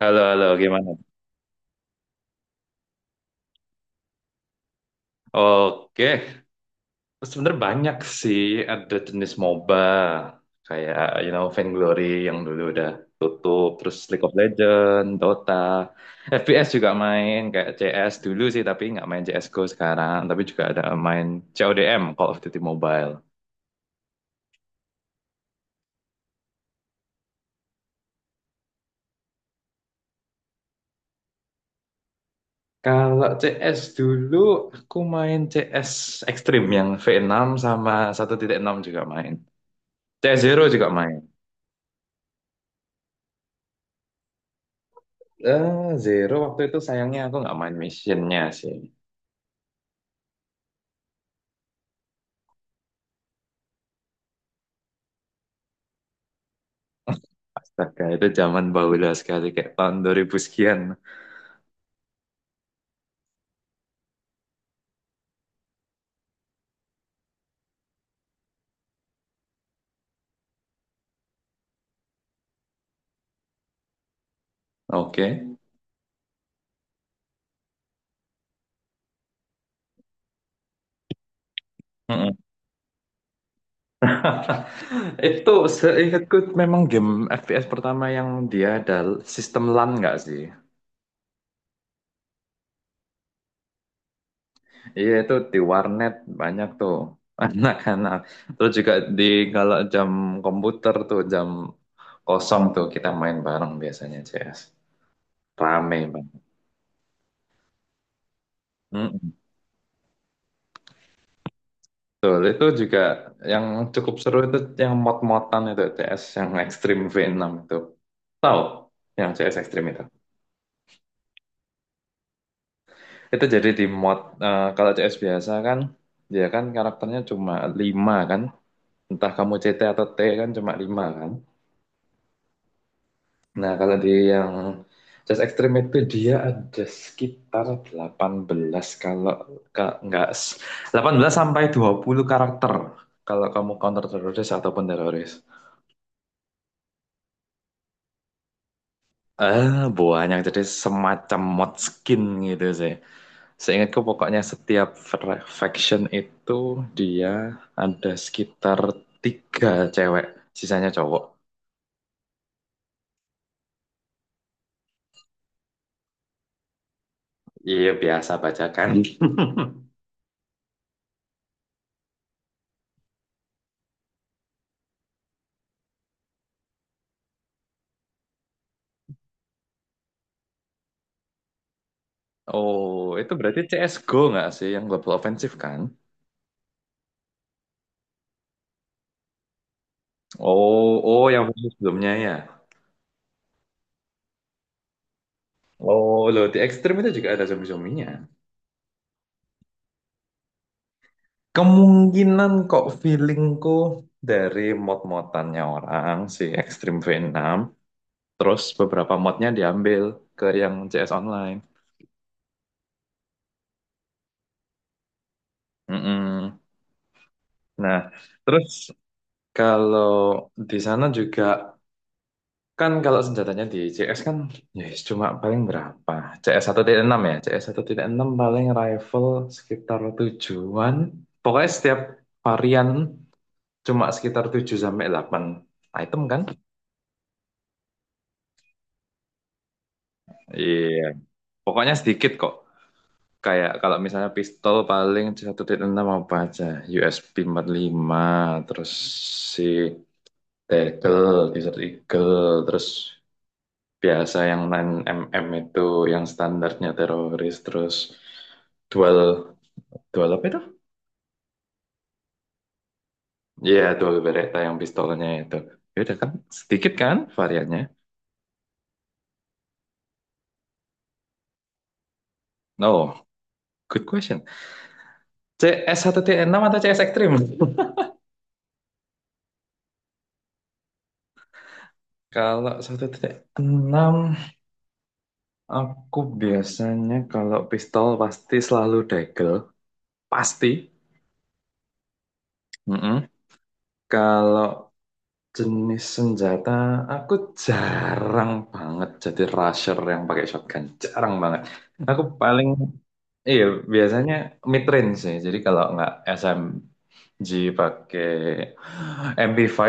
Halo, halo, gimana? Oke, sebenarnya banyak sih ada jenis MOBA kayak Vainglory yang dulu udah tutup, terus League of Legends, Dota, FPS juga main kayak CS dulu sih tapi nggak main CS:GO sekarang, tapi juga ada main CODM, Call of Duty Mobile. Kalau CS dulu aku main CS Extreme yang V6 sama 1.6 juga main. CS Zero juga main. eh Zero waktu itu sayangnya aku nggak main missionnya sih. Astaga, itu zaman baula sekali kayak tahun dua ribu sekian. Oke. Mm-mm. Itu seingatku memang game FPS pertama yang dia ada sistem LAN nggak sih? Iya itu di warnet banyak tuh anak-anak. Terus juga di kalau jam komputer tuh jam kosong tuh kita main bareng biasanya CS. Rame banget. Betul, itu juga yang cukup seru itu yang mod-modan itu CS yang Extreme V6 itu. Tahu yang CS Extreme itu. Itu jadi di mod kalau CS biasa kan dia kan karakternya cuma 5 kan. Entah kamu CT atau T kan cuma 5 kan. Nah, kalau di yang CS Extreme itu dia ada sekitar 18 kalau ka- nggak s- 18 sampai 20 karakter kalau kamu counter teroris ataupun teroris. Buahnya jadi semacam mod skin gitu sih. Seingatku pokoknya setiap faction itu dia ada sekitar tiga cewek, sisanya cowok. Iya biasa bacakan. Oh itu berarti CSGO nggak sih yang global offensive kan? Oh oh yang versi sebelumnya ya. Oh loh di ekstrim itu juga ada zombie-zombinya. Kemungkinan kok feelingku dari mod-modannya orang si Extreme V6 terus beberapa modnya diambil ke yang CS Online. Mm-mm. Nah, terus kalau di sana juga kan kalau senjatanya di CS kan ya yes, cuma paling berapa? CS enam ya, CS enam paling rifle sekitar tujuan. Pokoknya setiap varian cuma sekitar 7 sampai 8 item kan? Iya, pokoknya sedikit kok. Kayak kalau misalnya pistol paling 1.6 apa aja? USB 45, terus si Tegel, Desert Eagle, terus biasa yang 9 mm itu yang standarnya teroris, terus dual, dual apa itu? Iya, dual Beretta yang pistolnya itu. Ya udah kan, sedikit kan variannya? No, good question. C-1T-6 CS 1.6 atau CS Extreme? Kalau 1.6 aku biasanya kalau pistol pasti selalu dagel, pasti. Mm-mm. Kalau jenis senjata aku jarang banget jadi rusher yang pakai shotgun, jarang banget. Aku paling iya biasanya mid range sih. Jadi kalau nggak SMG pakai MP5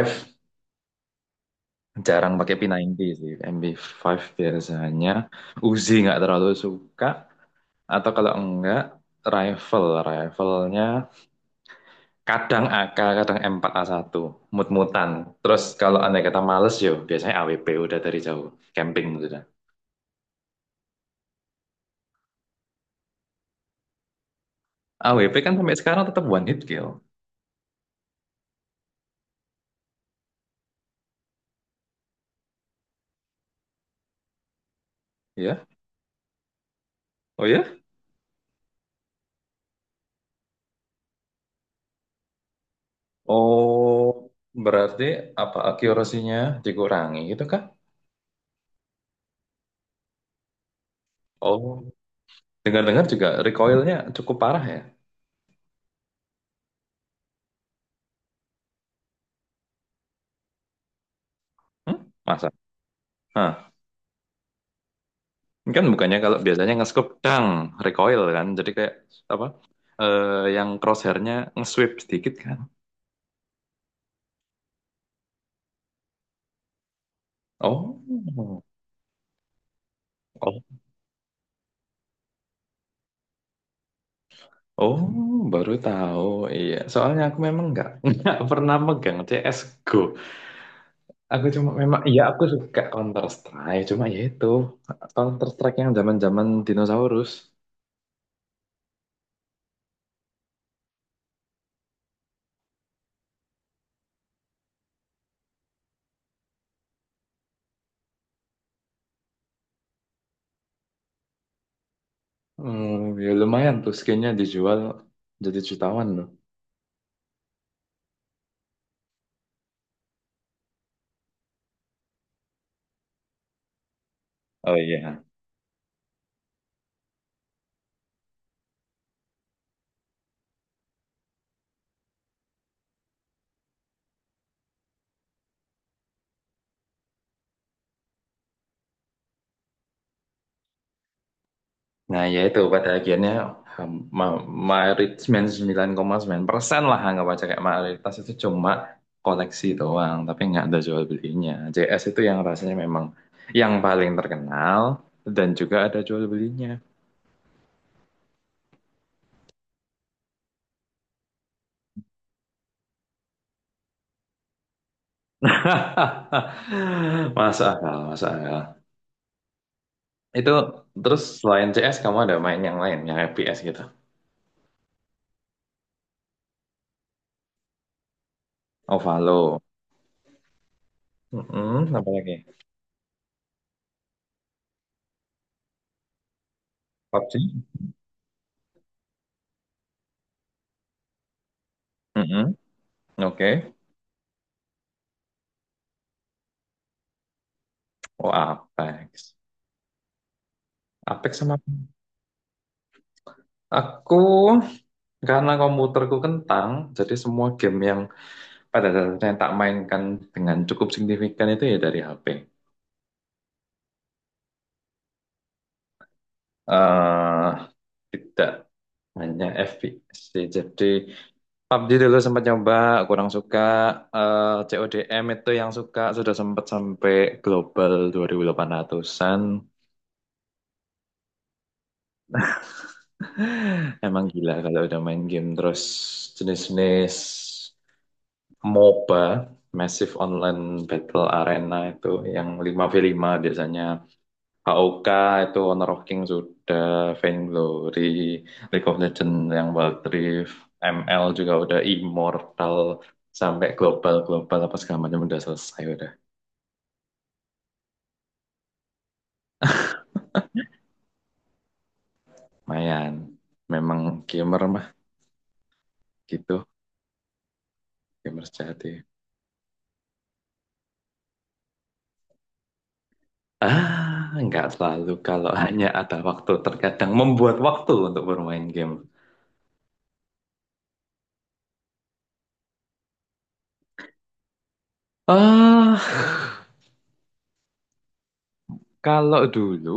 jarang pakai P90 sih. MP5 biasanya Uzi nggak terlalu suka atau kalau enggak rifle, riflenya kadang AK, kadang M4A1, satu mutan. Terus kalau andai kata males yo, biasanya AWP udah dari jauh, camping sudah. AWP kan sampai sekarang tetap one hit kill, ya? Oh ya? Oh, berarti apa akurasinya dikurangi gitu kah? Oh, dengar-dengar juga recoilnya cukup parah ya? Hmm? Masa? Hah. Ini kan bukannya kalau biasanya nge-scope dang, recoil kan. Jadi kayak apa? Yang crosshairnya nge-sweep sedikit kan? Oh, oh, baru tahu. Iya, soalnya aku memang nggak nggak pernah megang CS:GO. Aku cuma memang, iya aku suka Counter Strike. Cuma ya itu Counter Strike yang zaman-zaman dinosaurus. Hmm, ya lumayan tuh skinnya dijual jadi jutawan loh. Oh iya. Nah, ya itu pada akhirnya ham- ma- mayoritas 9,9% lah anggap aja kayak mayoritas itu cuma koleksi doang, tapi nggak ada jual belinya. JS itu yang rasanya memang yang paling terkenal dan juga ada jual belinya. Masuk akal, masuk akal. Itu terus selain CS kamu ada main yang lain, yang FPS gitu. Ovalo. Mm-mm, apa lagi? PUBG. Mm-mm, oke. Oh, Apex. Apex sama aku. Karena komputerku kentang, jadi semua game yang pada dasarnya tak mainkan dengan cukup signifikan itu ya dari HP. eh tidak hanya FPS sih. Jadi PUBG dulu sempat nyoba, kurang suka. CODM itu yang suka, sudah sempat sampai global 2800-an. Emang gila kalau udah main game. Terus jenis-jenis MOBA, Massive Online Battle Arena itu yang 5v5 biasanya. AOK itu Honor of King sudah, Vainglory, League of Legends yang Wild Rift, ML juga udah Immortal, sampai global-global apa segala macam udah selesai udah. Lumayan. Memang gamer mah gitu, gamer sejati. Ah, nggak selalu kalau hanya ada waktu, terkadang membuat waktu untuk bermain game. Ah, kalau dulu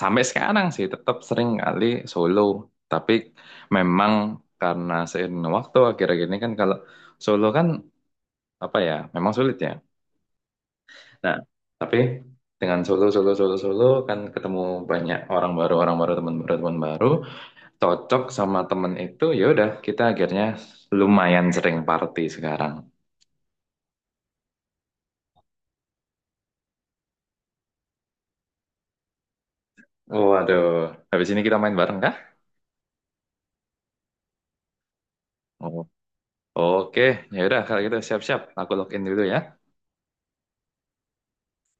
sampai sekarang sih tetap sering kali solo, tapi memang karena seiring waktu akhir-akhir ini kan kalau solo kan apa ya, memang sulit ya. Nah, tapi dengan solo solo solo solo kan ketemu banyak orang baru, teman baru, teman baru, cocok sama temen itu ya udah kita akhirnya lumayan sering party sekarang. Waduh, habis ini kita main bareng kah? Oh, oke, ya udah kalau gitu siap-siap aku login dulu ya.